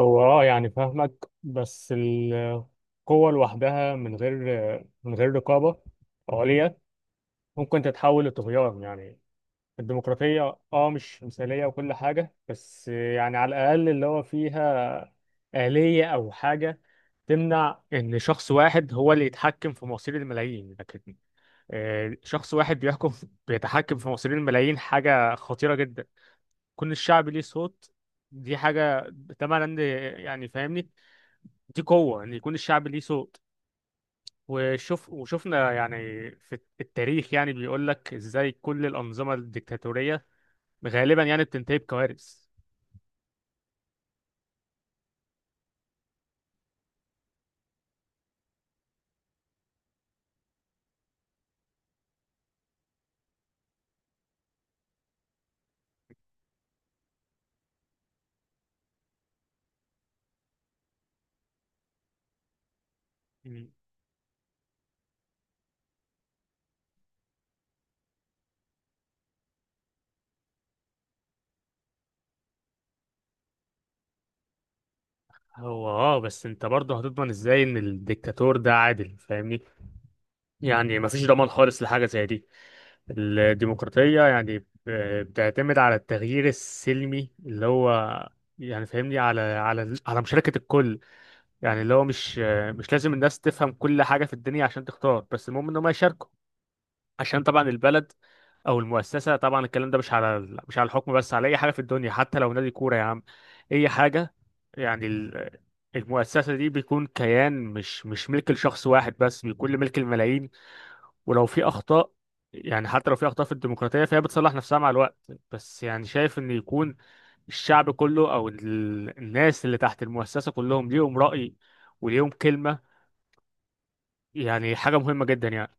هو يعني فاهمك. بس القوة لوحدها من غير رقابة عليا ممكن تتحول لطغيان يعني. الديمقراطية مش مثالية وكل حاجة، بس يعني على الأقل اللي هو فيها آلية أو حاجة تمنع إن شخص واحد هو اللي يتحكم في مصير الملايين، لكن شخص واحد بيتحكم في مصير الملايين حاجة خطيرة جدا. كون الشعب ليه صوت دي حاجة تمام عندي يعني فاهمني، دي قوة إن يكون الشعب ليه صوت. وشفنا يعني في التاريخ، يعني بيقول لك إزاي كل الأنظمة الديكتاتورية غالبا يعني بتنتهي بكوارث. مم. هو بس انت برضه هتضمن ازاي ان الديكتاتور ده عادل؟ فاهمني، يعني مفيش ضمان خالص لحاجة زي دي. الديمقراطية يعني بتعتمد على التغيير السلمي، اللي هو يعني فاهمني، على مشاركة الكل. يعني اللي هو مش لازم الناس تفهم كل حاجة في الدنيا عشان تختار، بس المهم ان هم يشاركوا، عشان طبعا البلد او المؤسسه. طبعا الكلام ده مش على الحكم بس، على اي حاجه في الدنيا حتى لو نادي كوره يا عم. اي حاجه، يعني المؤسسه دي بيكون كيان، مش ملك لشخص واحد بس، بيكون ملك الملايين. ولو في اخطاء، يعني حتى لو في اخطاء في الديمقراطيه، فهي بتصلح نفسها مع الوقت. بس يعني شايف ان يكون الشعب كله او الناس اللي تحت المؤسسه كلهم ليهم راي وليهم كلمه، يعني حاجه مهمه جدا يعني.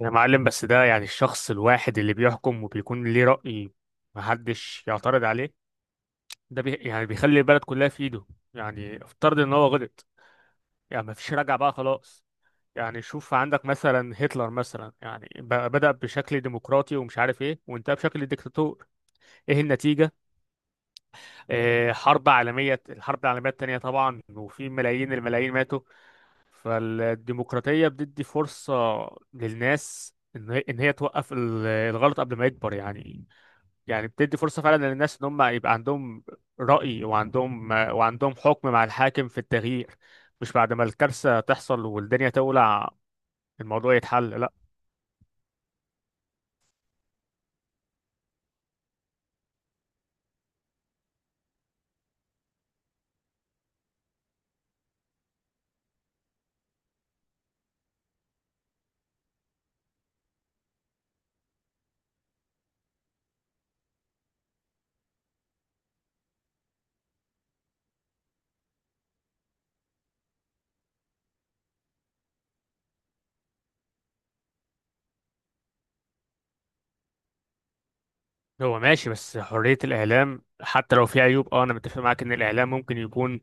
يا معلم، بس ده يعني الشخص الواحد اللي بيحكم وبيكون ليه رأي محدش يعترض عليه، ده يعني بيخلي البلد كلها في ايده. يعني افترض ان هو غلط، يعني مفيش رجعة بقى خلاص. يعني شوف عندك مثلا هتلر مثلا، يعني بدأ بشكل ديمقراطي ومش عارف ايه، وانتهى بشكل ديكتاتور. ايه النتيجة؟ حرب عالمية، الحرب العالمية التانية طبعا، وفي ملايين الملايين ماتوا. فالديمقراطية بتدي فرصة للناس ان هي إن هي توقف الغلط قبل ما يكبر يعني. يعني بتدي فرصة فعلا للناس ان هم يبقى عندهم رأي، وعندهم حكم مع الحاكم في التغيير، مش بعد ما الكارثة تحصل والدنيا تولع الموضوع يتحل، لا. هو ماشي، بس حرية الإعلام حتى لو في عيوب أنا متفق معاك إن الإعلام ممكن يكون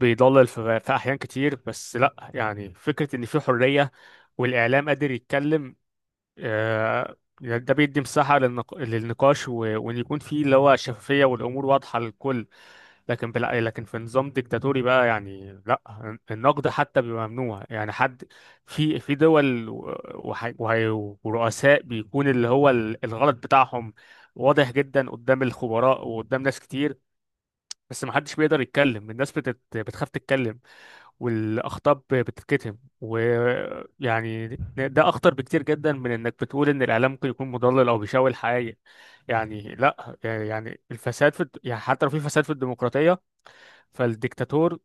بيضلل في أحيان كتير، بس لا يعني فكرة إن في حرية والإعلام قادر يتكلم، ده بيدي مساحة للنقاش وإن يكون في اللي هو شفافية والأمور واضحة للكل. لكن في نظام ديكتاتوري بقى، يعني لا النقد حتى بيبقى ممنوع، يعني حد في دول وح- وهي- ورؤساء بيكون اللي هو الغلط بتاعهم واضح جدا قدام الخبراء وقدام ناس كتير، بس ما حدش بيقدر يتكلم، الناس بتخاف تتكلم، والاخطاء بتتكتم، ويعني ده اخطر بكتير جدا من انك بتقول ان الاعلام ممكن يكون مضلل او بيشوه الحقائق. يعني لا، يعني الفساد في يعني حتى لو في فساد في الديمقراطية، فالديكتاتور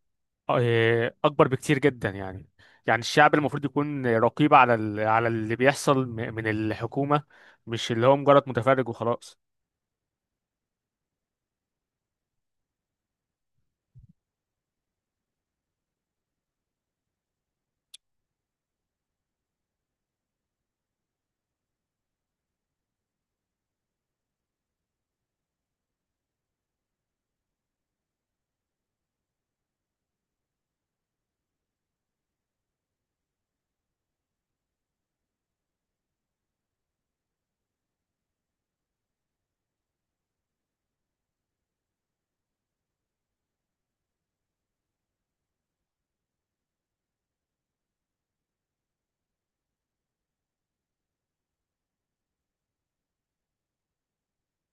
اكبر بكتير جدا يعني. يعني الشعب المفروض يكون رقيب على اللي بيحصل من الحكومه، مش اللي هو مجرد متفرج وخلاص.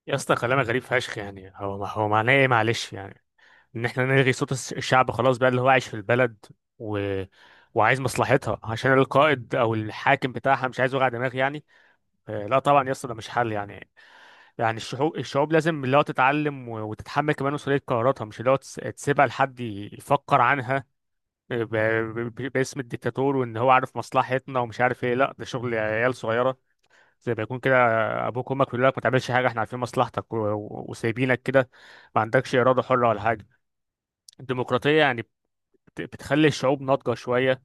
يا اسطى كلامك غريب فشخ، يعني هو معناه ايه معلش؟ يعني ان احنا نلغي صوت الشعب خلاص بقى، اللي هو عايش في البلد و... وعايز مصلحتها، عشان القائد او الحاكم بتاعها مش عايز وجع دماغ يعني؟ لا طبعا يا اسطى، ده مش حل يعني. يعني الشعوب لازم اللي هو تتعلم وتتحمل كمان مسؤولية قراراتها، مش اللي هو تسيبها لحد يفكر عنها باسم الديكتاتور، وان هو عارف مصلحتنا ومش عارف ايه. لا ده شغل عيال صغيرة، زي ما يكون كده ابوك وامك بيقول لك ما تعملش حاجة، احنا عارفين مصلحتك وسايبينك كده، ما عندكش إرادة حرة ولا حاجة. الديمقراطية يعني بتخلي الشعوب ناضجة شوية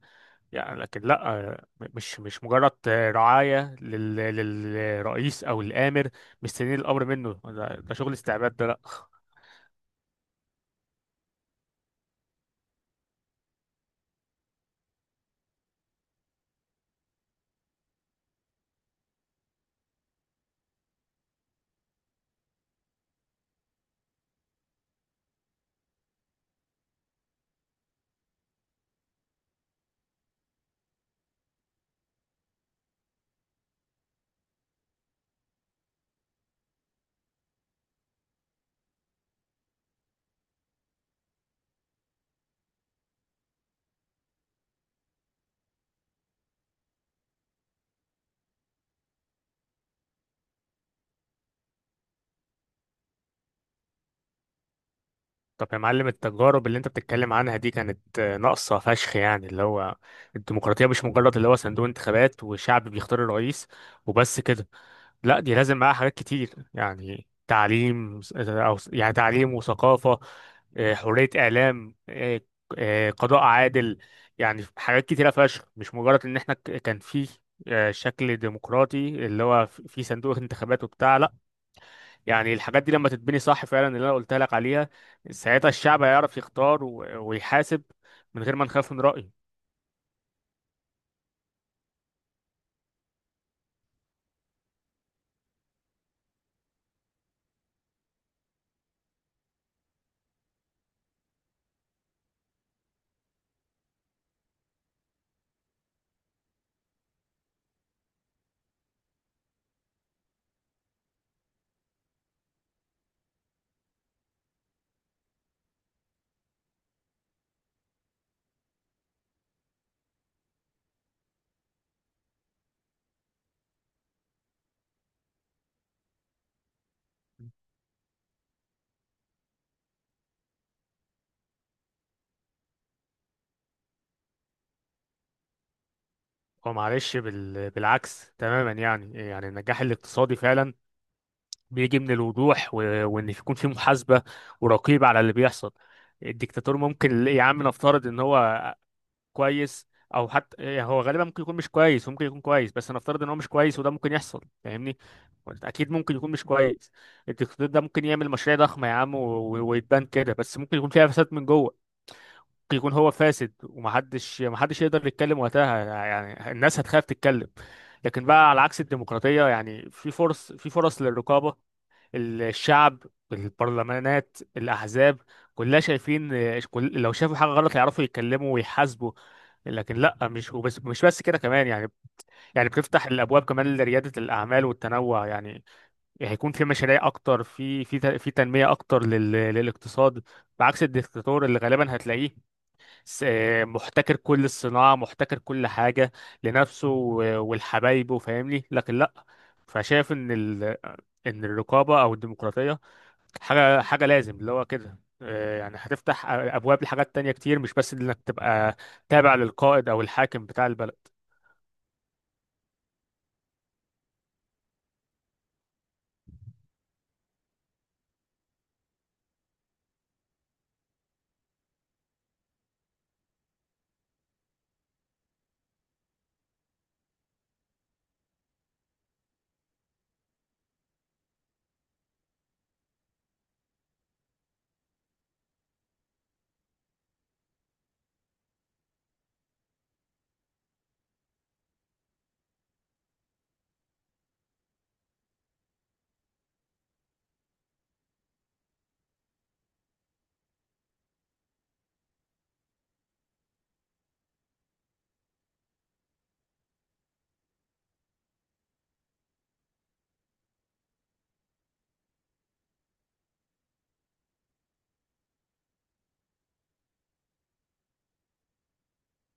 يعني، لكن لا مش مجرد رعاية للرئيس أو الآمر، مستنيين الأمر منه، ده شغل استعباد ده، لا. طب يا معلم التجارب اللي أنت بتتكلم عنها دي كانت ناقصة فشخ، يعني اللي هو الديمقراطية مش مجرد اللي هو صندوق انتخابات وشعب بيختار الرئيس وبس كده، لا. دي لازم معاها حاجات كتير، يعني تعليم س- او س- يعني تعليم وثقافة، حرية اعلام، قضاء عادل، يعني حاجات كتيرة فشخ، مش مجرد ان احنا كان في شكل ديمقراطي اللي هو في صندوق انتخابات وبتاع، لا. يعني الحاجات دي لما تتبني صح فعلا اللي انا قلت لك عليها، ساعتها الشعب هيعرف يختار ويحاسب من غير ما نخاف من رأيه. هو معلش بالعكس تماما يعني. يعني النجاح الاقتصادي فعلا بيجي من الوضوح وان يكون في محاسبه ورقيب على اللي بيحصل. الدكتاتور ممكن يا عم نفترض ان هو كويس، او حتى يعني هو غالبا ممكن يكون مش كويس، وممكن يكون كويس بس هنفترض ان هو مش كويس، وده ممكن يحصل فاهمني، اكيد ممكن يكون مش كويس. الدكتاتور ده ممكن يعمل مشاريع ضخمه يا عم ويتبان كده، بس ممكن يكون فيها فساد من جوه. ممكن يكون هو فاسد، ومحدش محدش يقدر يتكلم وقتها، يعني الناس هتخاف تتكلم. لكن بقى على عكس الديمقراطية، يعني في فرص للرقابة، الشعب، البرلمانات، الأحزاب، كلها شايفين، كل لو شافوا حاجة غلط يعرفوا يتكلموا ويحاسبوا. لكن لا مش بس كده كمان، يعني يعني بتفتح الابواب كمان لرياده الاعمال والتنوع يعني. يعني هيكون في مشاريع اكتر، في تنميه اكتر للاقتصاد، بعكس الدكتاتور اللي غالبا هتلاقيه س- محتكر كل الصناعه، محتكر كل حاجه لنفسه والحبايبه فاهمني. لكن لا، فشايف ان الرقابه او الديمقراطيه حاجة حاجة لازم اللي هو كده، يعني هتفتح أبواب لحاجات تانية كتير، مش بس إنك تبقى تابع للقائد أو الحاكم بتاع البلد.